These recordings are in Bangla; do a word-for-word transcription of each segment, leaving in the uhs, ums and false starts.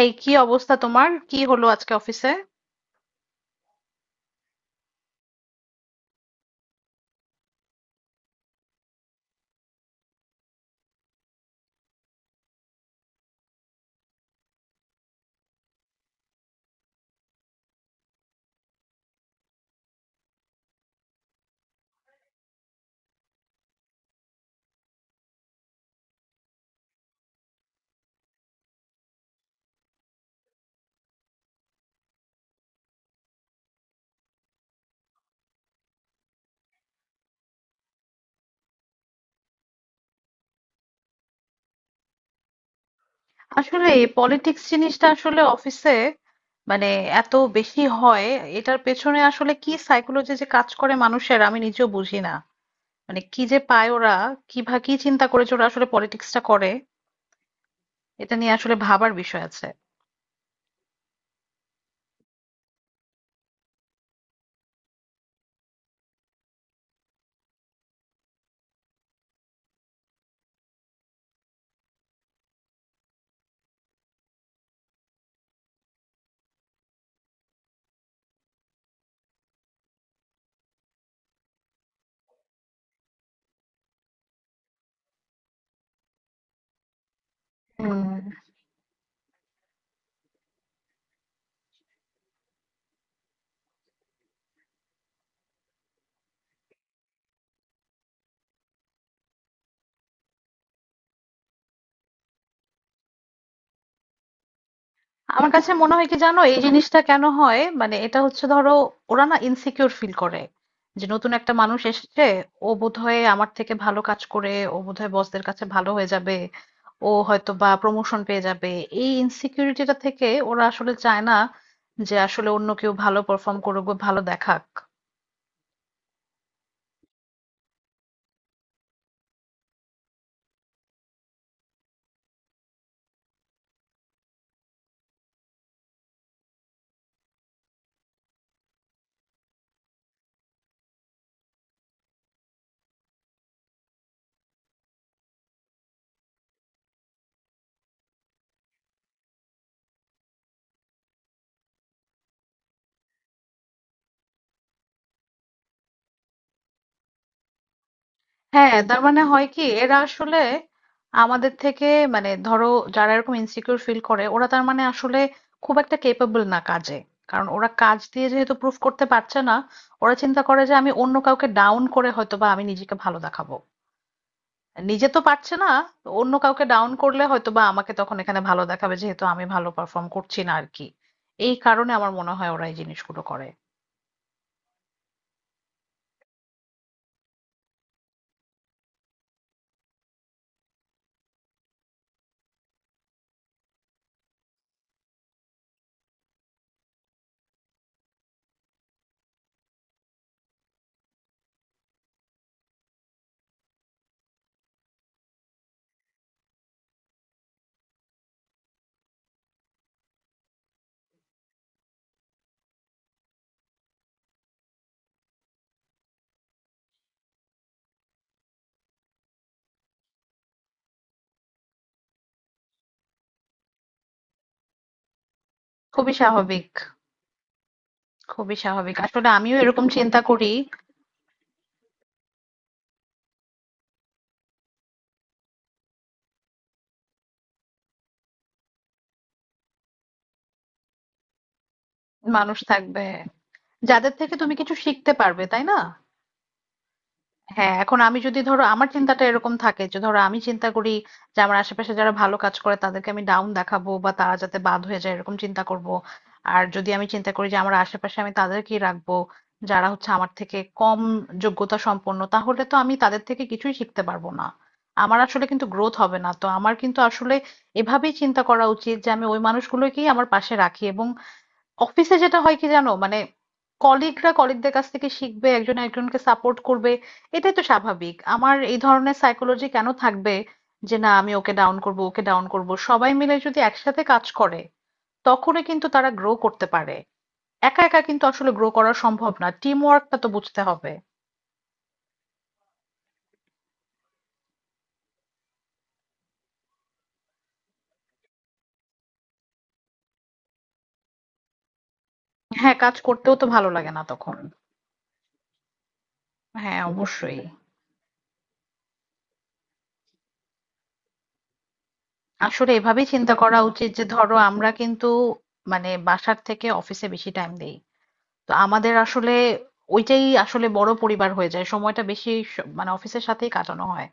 এই কি অবস্থা তোমার? কি হলো আজকে অফিসে? আসলে এই পলিটিক্স জিনিসটা আসলে অফিসে মানে এত বেশি হয়। এটার পেছনে আসলে কি সাইকোলজি যে কাজ করে মানুষের আমি নিজেও বুঝি না। মানে কি যে পায় ওরা, কি ভা কি চিন্তা করেছে ওরা আসলে পলিটিক্সটা করে। এটা নিয়ে আসলে ভাবার বিষয় আছে। হুম। আমার কাছে মনে হয় কি জানো এই জিনিসটা কেন হয়, মানে এটা হচ্ছে ধরো ওরা না ইনসিকিউর ফিল করে যে নতুন একটা মানুষ এসেছে, ও বোধহয় আমার থেকে ভালো কাজ করে, ও বোধহয় বসদের কাছে ভালো হয়ে যাবে, ও হয়তো বা প্রমোশন পেয়ে যাবে। এই ইনসিকিউরিটিটা থেকে ওরা আসলে চায় না যে আসলে অন্য কেউ ভালো পারফর্ম করুক বা ভালো দেখাক। হ্যাঁ, তার মানে হয় কি এরা আসলে আমাদের থেকে মানে ধরো যারা এরকম ইনসিকিউর ফিল করে ওরা তার মানে আসলে খুব একটা কেপেবল না কাজে, কারণ ওরা কাজ দিয়ে যেহেতু প্রুফ করতে পারছে না ওরা চিন্তা করে যে আমি অন্য কাউকে ডাউন করে হয়তো বা আমি নিজেকে ভালো দেখাবো। নিজে তো পারছে না, তো অন্য কাউকে ডাউন করলে হয়তো বা আমাকে তখন এখানে ভালো দেখাবে, যেহেতু আমি ভালো পারফর্ম করছি না আর কি। এই কারণে আমার মনে হয় ওরা এই জিনিসগুলো করে। খুবই স্বাভাবিক। খুবই স্বাভাবিক, আসলে আমিও এরকম চিন্তা করি। মানুষ থাকবে যাদের থেকে তুমি কিছু শিখতে পারবে, তাই না? হ্যাঁ, এখন আমি যদি ধরো আমার চিন্তাটা এরকম থাকে যে ধরো আমি চিন্তা করি যে আমার আশেপাশে যারা ভালো কাজ করে তাদেরকে আমি ডাউন দেখাবো বা তারা যাতে বাদ হয়ে যায় এরকম চিন্তা করব। আর যদি আমি চিন্তা করি যে আমার আশেপাশে আমি তাদেরকেই রাখবো যারা হচ্ছে আমার থেকে কম যোগ্যতা সম্পন্ন, তাহলে তো আমি তাদের থেকে কিছুই শিখতে পারবো না, আমার আসলে কিন্তু গ্রোথ হবে না। তো আমার কিন্তু আসলে এভাবেই চিন্তা করা উচিত যে আমি ওই মানুষগুলোকেই আমার পাশে রাখি। এবং অফিসে যেটা হয় কি জানো মানে কলিগরা কলিগদের কাছ থেকে শিখবে, একজন একজনকে সাপোর্ট করবে, এটাই তো স্বাভাবিক। আমার এই ধরনের সাইকোলজি কেন থাকবে যে না আমি ওকে ডাউন করব ওকে ডাউন করব। সবাই মিলে যদি একসাথে কাজ করে তখনই কিন্তু তারা গ্রো করতে পারে, একা একা কিন্তু আসলে গ্রো করা সম্ভব না। টিম ওয়ার্কটা তো বুঝতে হবে। হ্যাঁ, কাজ করতেও তো ভালো লাগে না তখন। হ্যাঁ, অবশ্যই। আসলে এভাবেই চিন্তা করা উচিত যে ধরো আমরা কিন্তু মানে বাসার থেকে অফিসে বেশি টাইম দেই, তো আমাদের আসলে ওইটাই আসলে বড় পরিবার হয়ে যায়, সময়টা বেশি স- মানে অফিসের সাথেই কাটানো হয়।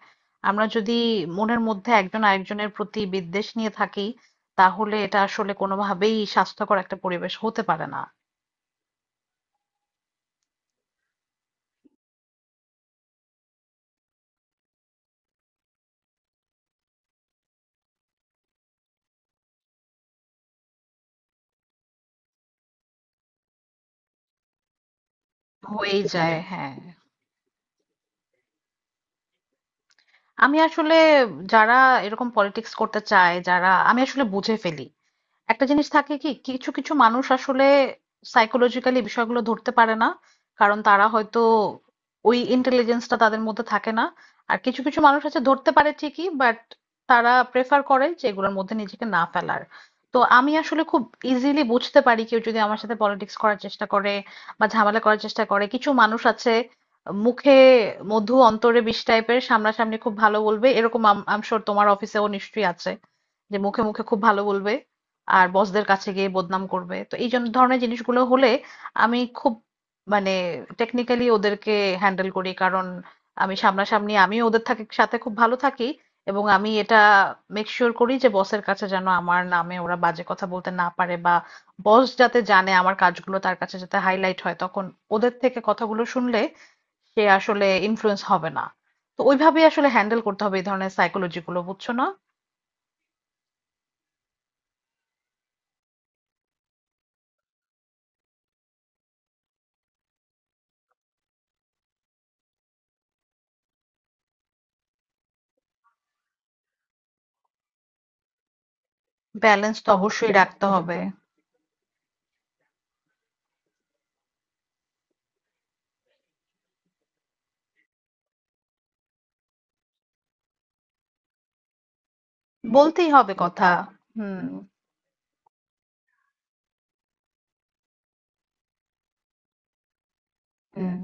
আমরা যদি মনের মধ্যে একজন আরেকজনের প্রতি বিদ্বেষ নিয়ে থাকি, তাহলে এটা আসলে কোনোভাবেই স্বাস্থ্যকর একটা পরিবেশ হতে পারে না। হয়েই যায়, হ্যাঁ। আমি আসলে যারা এরকম পলিটিক্স করতে চায় যারা, আমি আসলে বুঝে ফেলি। একটা জিনিস থাকে কি, কিছু কিছু মানুষ আসলে সাইকোলজিক্যালি বিষয়গুলো ধরতে পারে না, কারণ তারা হয়তো ওই ইন্টেলিজেন্সটা তাদের মধ্যে থাকে না। আর কিছু কিছু মানুষ আছে ধরতে পারে ঠিকই বাট তারা প্রেফার করে যে এগুলোর মধ্যে নিজেকে না ফেলার। তো আমি আসলে খুব ইজিলি বুঝতে পারি কেউ যদি আমার সাথে পলিটিক্স করার চেষ্টা করে বা ঝামেলা করার চেষ্টা করে। কিছু মানুষ আছে মুখে মধু অন্তরে বিষ টাইপের, সামনাসামনি খুব ভালো বলবে এরকম। আম শিওর তোমার অফিসেও নিশ্চয়ই আছে, যে মুখে মুখে খুব ভালো বলবে আর বসদের কাছে গিয়ে বদনাম করবে। তো এই জন- ধরনের জিনিসগুলো হলে আমি খুব মানে টেকনিক্যালি ওদেরকে হ্যান্ডেল করি। কারণ আমি সামনাসামনি আমি ওদের থাকে সাথে খুব ভালো থাকি, এবং আমি এটা মেক শিওর করি যে বসের কাছে যেন আমার নামে ওরা বাজে কথা বলতে না পারে, বা বস যাতে জানে আমার কাজগুলো, তার কাছে যাতে হাইলাইট হয়, তখন ওদের থেকে কথাগুলো শুনলে সে আসলে ইনফ্লুয়েন্স হবে না। তো ওইভাবেই আসলে হ্যান্ডেল করতে হবে এই ধরনের সাইকোলজি গুলো, বুঝছো না? ব্যালেন্স তো অবশ্যই রাখতে হবে। বলতেই হবে কথা। হুম। হুম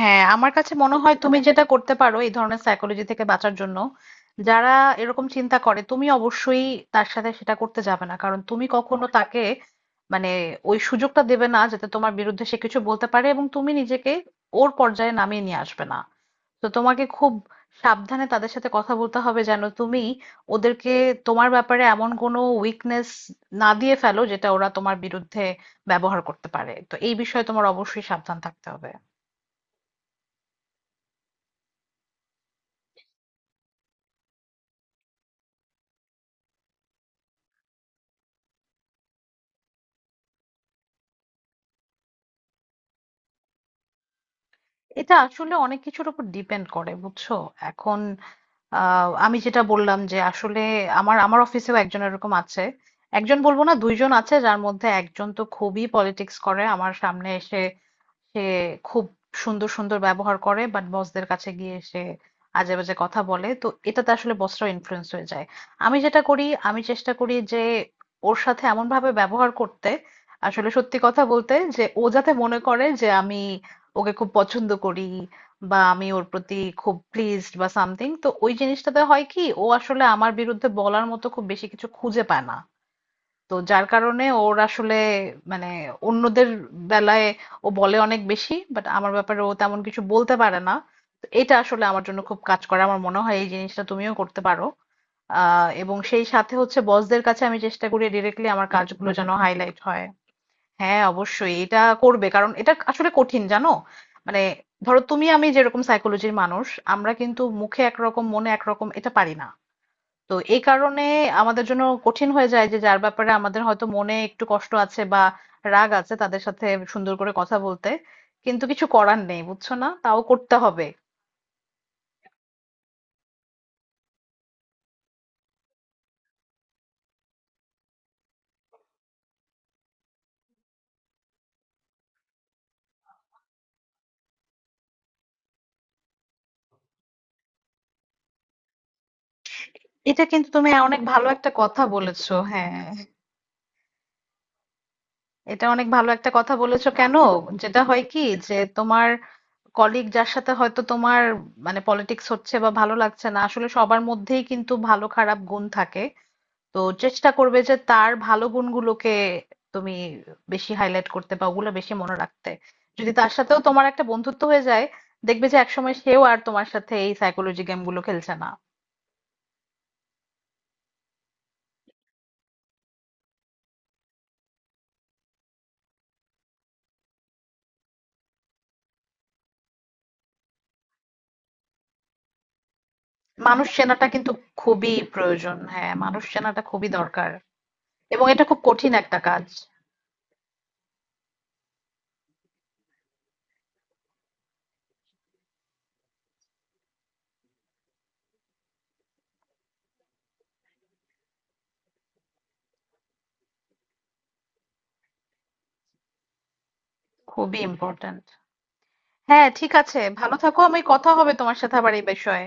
হ্যাঁ, আমার কাছে মনে হয় তুমি যেটা করতে পারো এই ধরনের সাইকোলজি থেকে বাঁচার জন্য, যারা এরকম চিন্তা করে তুমি অবশ্যই তার সাথে সেটা করতে যাবে না, কারণ তুমি কখনো তাকে মানে ওই সুযোগটা দেবে না যাতে তোমার বিরুদ্ধে সে কিছু বলতে পারে, এবং তুমি নিজেকে ওর পর্যায়ে নামিয়ে নিয়ে আসবে না। তো তোমাকে খুব সাবধানে তাদের সাথে কথা বলতে হবে যেন তুমি ওদেরকে তোমার ব্যাপারে এমন কোনো উইকনেস না দিয়ে ফেলো যেটা ওরা তোমার বিরুদ্ধে ব্যবহার করতে পারে। তো এই বিষয়ে তোমার অবশ্যই সাবধান থাকতে হবে। এটা আসলে অনেক কিছুর উপর ডিপেন্ড করে, বুঝছো। এখন আহ, আমি যেটা বললাম যে আসলে আমার আমার অফিসেও একজন এরকম আছে, একজন বলবো না, দুইজন আছে, যার মধ্যে একজন তো খুবই পলিটিক্স করে। আমার সামনে এসে সে খুব সুন্দর সুন্দর ব্যবহার করে, বাট বসদের কাছে গিয়ে সে আজে বাজে কথা বলে, তো এটাতে আসলে বসরা ইনফ্লুয়েন্স হয়ে যায়। আমি যেটা করি, আমি চেষ্টা করি যে ওর সাথে এমন ভাবে ব্যবহার করতে, আসলে সত্যি কথা বলতে, যে ও যাতে মনে করে যে আমি ওকে খুব পছন্দ করি, বা আমি ওর প্রতি খুব প্লিজড বা সামথিং। তো ওই জিনিসটাতে হয় কি, ও আসলে আমার বিরুদ্ধে বলার মতো খুব বেশি কিছু খুঁজে পায় না। তো যার কারণে ওর আসলে মানে অন্যদের বেলায় ও বলে অনেক বেশি, বাট আমার ব্যাপারে ও তেমন কিছু বলতে পারে না। তো এটা আসলে আমার জন্য খুব কাজ করে, আমার মনে হয় এই জিনিসটা তুমিও করতে পারো। আহ এবং সেই সাথে হচ্ছে বসদের কাছে আমি চেষ্টা করি ডিরেক্টলি আমার কাজগুলো যেন হাইলাইট হয়। হ্যাঁ, অবশ্যই এটা করবে, কারণ এটা আসলে কঠিন জানো। মানে ধরো তুমি আমি যেরকম সাইকোলজির মানুষ, আমরা কিন্তু মুখে একরকম মনে একরকম এটা পারি না। তো এই কারণে আমাদের জন্য কঠিন হয়ে যায় যে যার ব্যাপারে আমাদের হয়তো মনে একটু কষ্ট আছে বা রাগ আছে, তাদের সাথে সুন্দর করে কথা বলতে। কিন্তু কিছু করার নেই, বুঝছো না, তাও করতে হবে। এটা কিন্তু তুমি অনেক ভালো একটা কথা বলেছো, হ্যাঁ। এটা অনেক ভালো একটা কথা বলেছো। কেন যেটা হয় কি, যে তোমার কলিগ যার সাথে হয়তো তোমার মানে পলিটিক্স হচ্ছে বা ভালো লাগছে না, আসলে সবার মধ্যেই কিন্তু ভালো খারাপ গুণ থাকে। তো চেষ্টা করবে যে তার ভালো গুণগুলোকে তুমি বেশি হাইলাইট করতে বা ওগুলো বেশি মনে রাখতে। যদি তার সাথেও তোমার একটা বন্ধুত্ব হয়ে যায়, দেখবে যে একসময় সেও আর তোমার সাথে এই সাইকোলজি গেমগুলো খেলছে না। মানুষ চেনাটা কিন্তু খুবই প্রয়োজন, হ্যাঁ মানুষ চেনাটা খুবই দরকার। এবং এটা খুব কঠিন একটা কাজ। খুবই ইম্পর্ট্যান্ট। হ্যাঁ, ঠিক আছে, ভালো থাকো, আমি কথা হবে তোমার সাথে আবার এই বিষয়ে।